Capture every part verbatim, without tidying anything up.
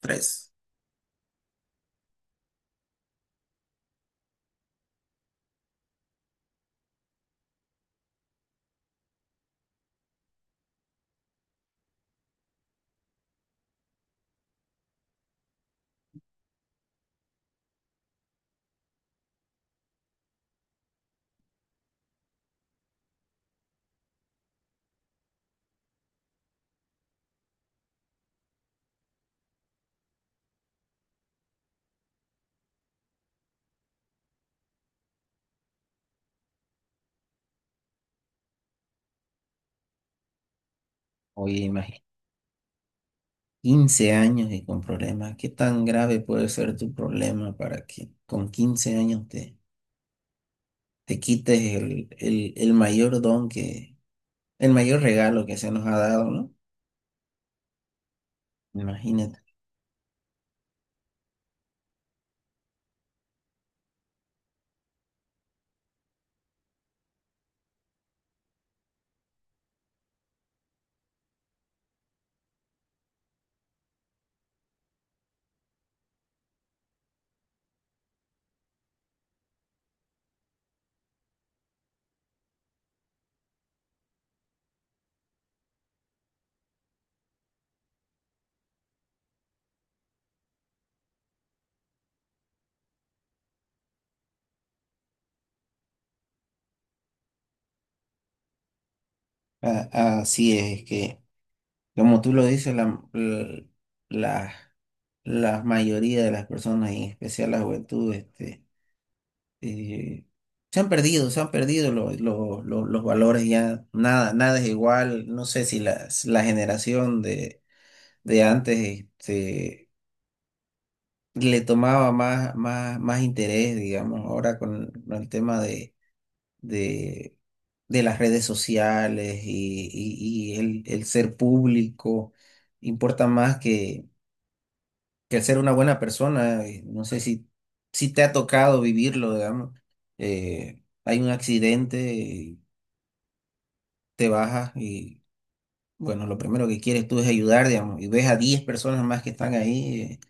Tres. Oye, imagínate, quince años y con problemas. ¿Qué tan grave puede ser tu problema para que con quince años te, te quites el, el, el mayor don que, el mayor regalo que se nos ha dado? ¿No? Imagínate. A- así es es que, como tú lo dices, la, la, la mayoría de las personas, y en especial la juventud, este eh, se han perdido, se han perdido los, los, los, los valores. Ya nada, nada es igual. No sé si la, si la generación de, de antes, este, le tomaba más, más, más interés, digamos. Ahora con, con el tema de, de, de las redes sociales y, y, y el, el ser público, importa más que el ser una buena persona. Eh, no sé si, si te ha tocado vivirlo, digamos, eh, hay un accidente, y te bajas y, bueno, lo primero que quieres tú es ayudar, digamos, y ves a diez personas más que están ahí, eh,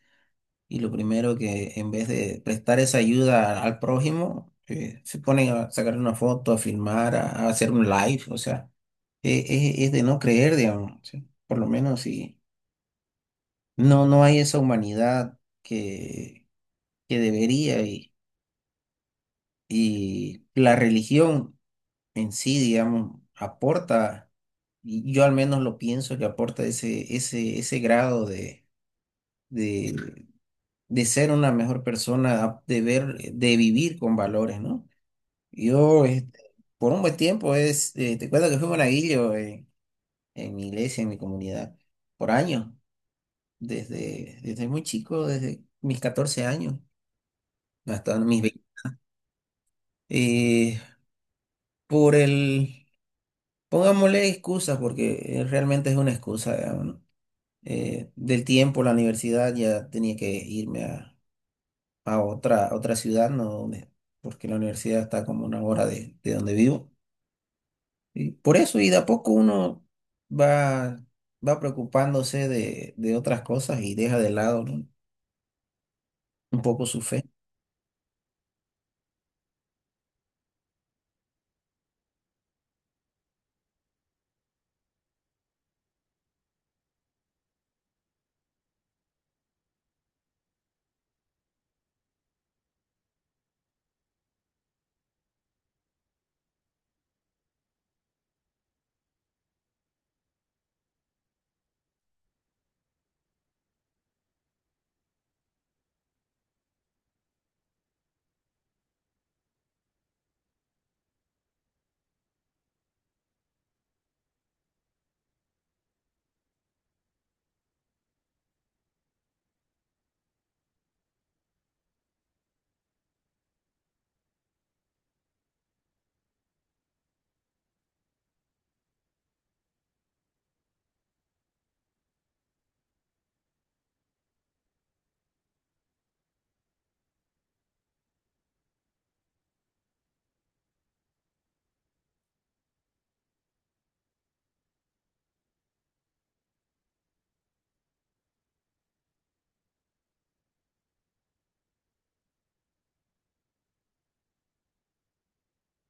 y lo primero, que en vez de prestar esa ayuda al prójimo, eh, se ponen a sacar una foto, a filmar, a, a hacer un live. O sea, eh, es, es de no creer, digamos, ¿sí? Por lo menos, si no, no hay esa humanidad que, que debería. Y la religión en sí, digamos, aporta, y yo al menos lo pienso, que aporta ese, ese, ese grado de, de, de ser una mejor persona, de ver, de vivir con valores, ¿no? Yo, este, por un buen tiempo, es, eh, te cuento que fui monaguillo en, en mi iglesia, en mi comunidad, por años, desde, desde muy chico, desde mis catorce años hasta mis veinte. Eh, por el Pongámosle excusas porque, eh, realmente es una excusa, digamos, ¿no? Eh, del tiempo, la universidad, ya tenía que irme a, a otra, a otra ciudad, ¿no? Donde- porque la universidad está como una hora de, de donde vivo. Y por eso, y de a poco uno va, va preocupándose de, de otras cosas, y deja de lado, ¿no?, un poco su fe.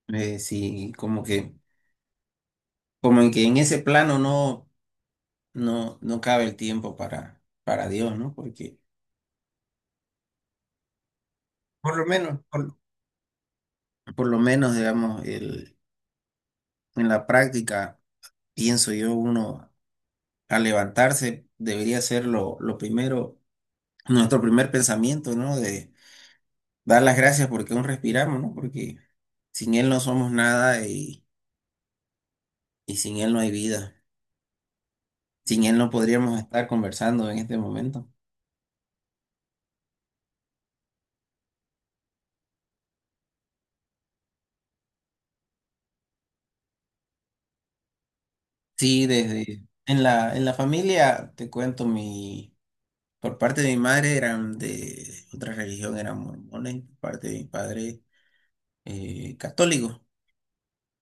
Eh, sí, como que, como en que en ese plano no, no, no cabe el tiempo para, para Dios, ¿no? Porque, por lo menos, por, por lo menos, digamos, el, en la práctica, pienso yo, uno al levantarse debería ser lo, lo primero, nuestro primer pensamiento, ¿no? De dar las gracias porque aún respiramos, ¿no? Porque sin él no somos nada, y, y sin él no hay vida. Sin él no podríamos estar conversando en este momento. Sí, desde en la, en la familia, te cuento, mi, por parte de mi madre eran de otra religión, eran mormones. Por parte de mi padre, eh, católicos.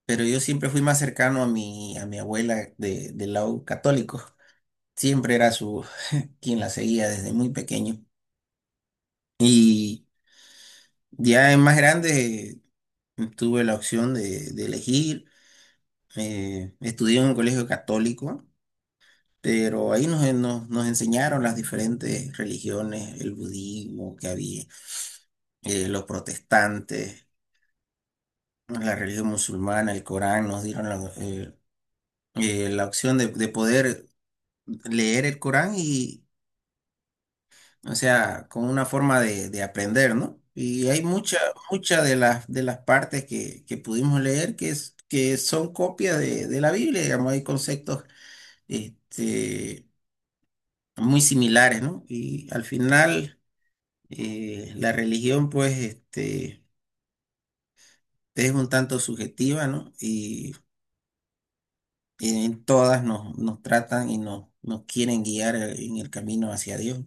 Pero yo siempre fui más cercano a mi, a mi abuela de, del lado católico. Siempre era su quien la seguía desde muy pequeño. Y ya en más grande, eh, tuve la opción de, de elegir. Eh, estudié en un colegio católico, pero ahí nos, nos, nos enseñaron las diferentes religiones: el budismo que había, eh, los protestantes, la religión musulmana, el Corán. Nos dieron la, eh, eh, la opción de, de poder leer el Corán y O sea, como una forma de, de aprender, ¿no? Y hay mucha, mucha de las, de las partes que, que pudimos leer que, es, que son copias de, de la Biblia, digamos. Hay conceptos este, muy similares, ¿no? Y al final, eh, la religión, pues, este, es un tanto subjetiva, ¿no? Y, y en todas nos, nos tratan y nos, nos quieren guiar en el camino hacia Dios.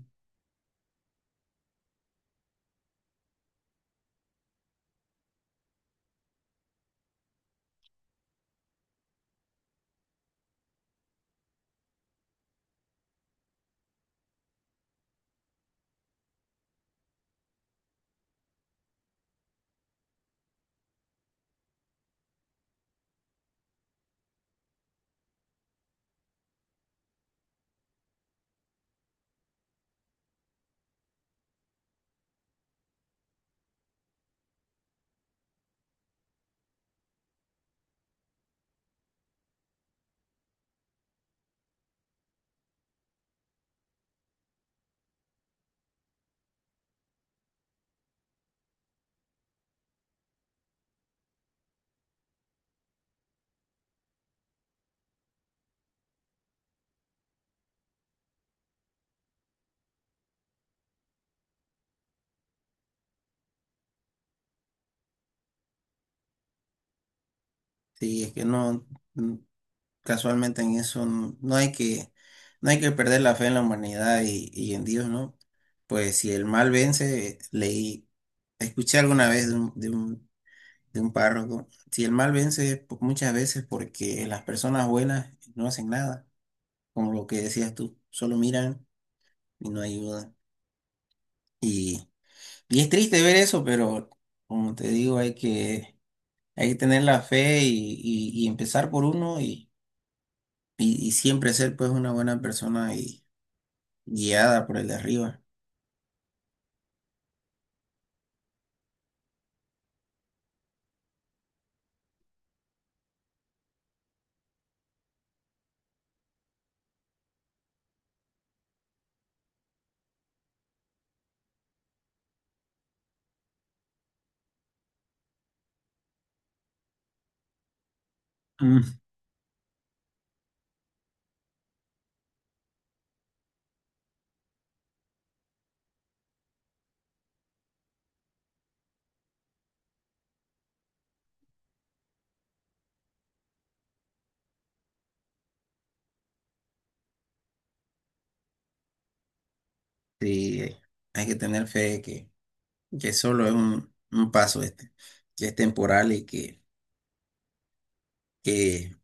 Sí, es que no. Casualmente en eso n- no hay que, no hay que perder la fe en la humanidad y, y en Dios, ¿no? Pues si el mal vence, leí, escuché alguna vez de un de un, de un párroco, si el mal vence, po- muchas veces, porque las personas buenas no hacen nada, como lo que decías tú, solo miran y no ayudan. Y, y es triste ver eso, pero como te digo, hay que, hay que tener la fe y, y- y empezar por uno, y, y y siempre ser, pues, una buena persona y guiada por el de arriba. Mm. Sí, eh, hay que tener fe de que, que solo es un, un paso, este, que es temporal y que, que,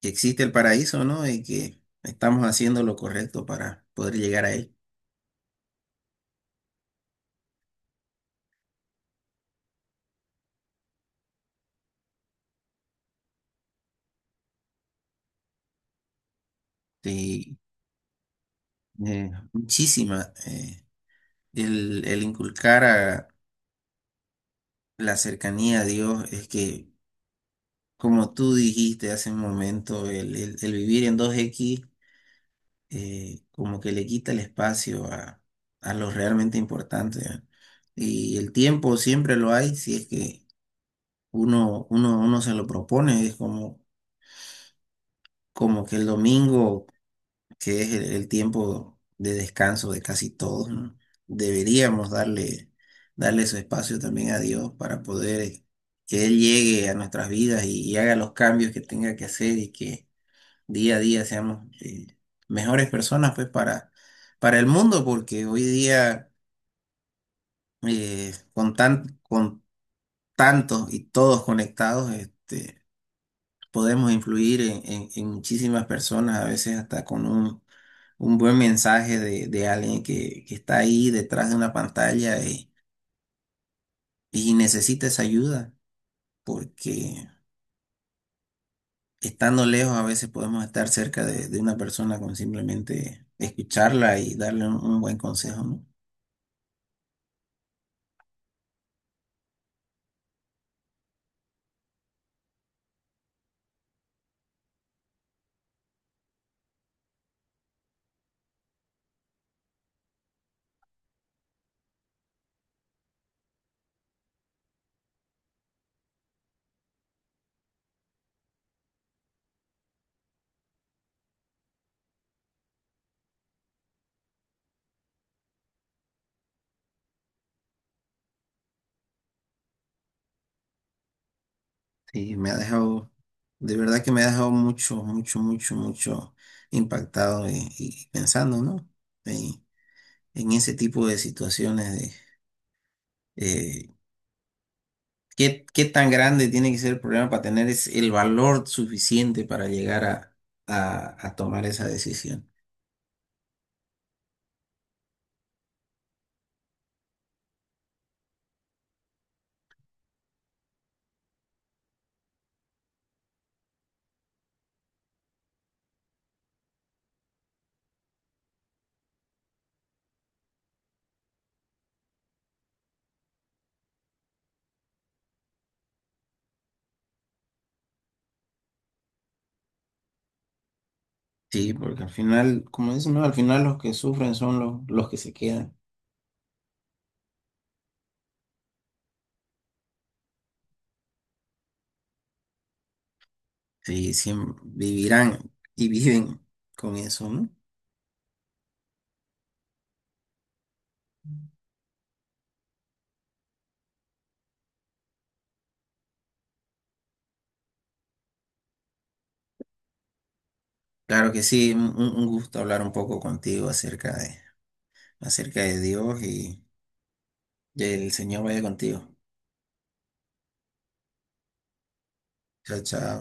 que existe el paraíso, ¿no? Y que estamos haciendo lo correcto para poder llegar a él. Sí, eh, muchísima. eh, el, el inculcar a la cercanía a Dios es que, como tú dijiste hace un momento, el, el, el vivir en dos equis, eh, como que le quita el espacio a, a lo realmente importante, ¿eh? Y el tiempo siempre lo hay, si es que uno, uno, uno se lo propone. Es como, como que el domingo, que es el, el tiempo de descanso de casi todos, ¿no? Deberíamos darle, darle su espacio también a Dios para poder, eh, que Él llegue a nuestras vidas y, y haga los cambios que tenga que hacer, y que día a día seamos, eh, mejores personas, pues, para, para el mundo, porque hoy día, eh, con tan, con tantos y todos conectados, este, podemos influir en, en- en muchísimas personas, a veces hasta con un, un buen mensaje de, de alguien que, que está ahí detrás de una pantalla y, y necesita esa ayuda, porque estando lejos a veces podemos estar cerca de, de una persona con simplemente escucharla y darle un, un buen consejo, ¿no? Sí, me ha dejado, de verdad que me ha dejado mucho, mucho, mucho, mucho impactado y, y pensando, ¿no? En, en ese tipo de situaciones de eh, ¿qué, qué tan grande tiene que ser el problema para tener es el valor suficiente para llegar a, a, a tomar esa decisión? Sí, porque al final, como dicen, ¿no? Al final los que sufren son los, los que se quedan. Sí, sí, vivirán y viven con eso, ¿no? Claro que sí, un, un gusto hablar un poco contigo acerca de acerca de Dios, y que el Señor vaya contigo. Chao, chao.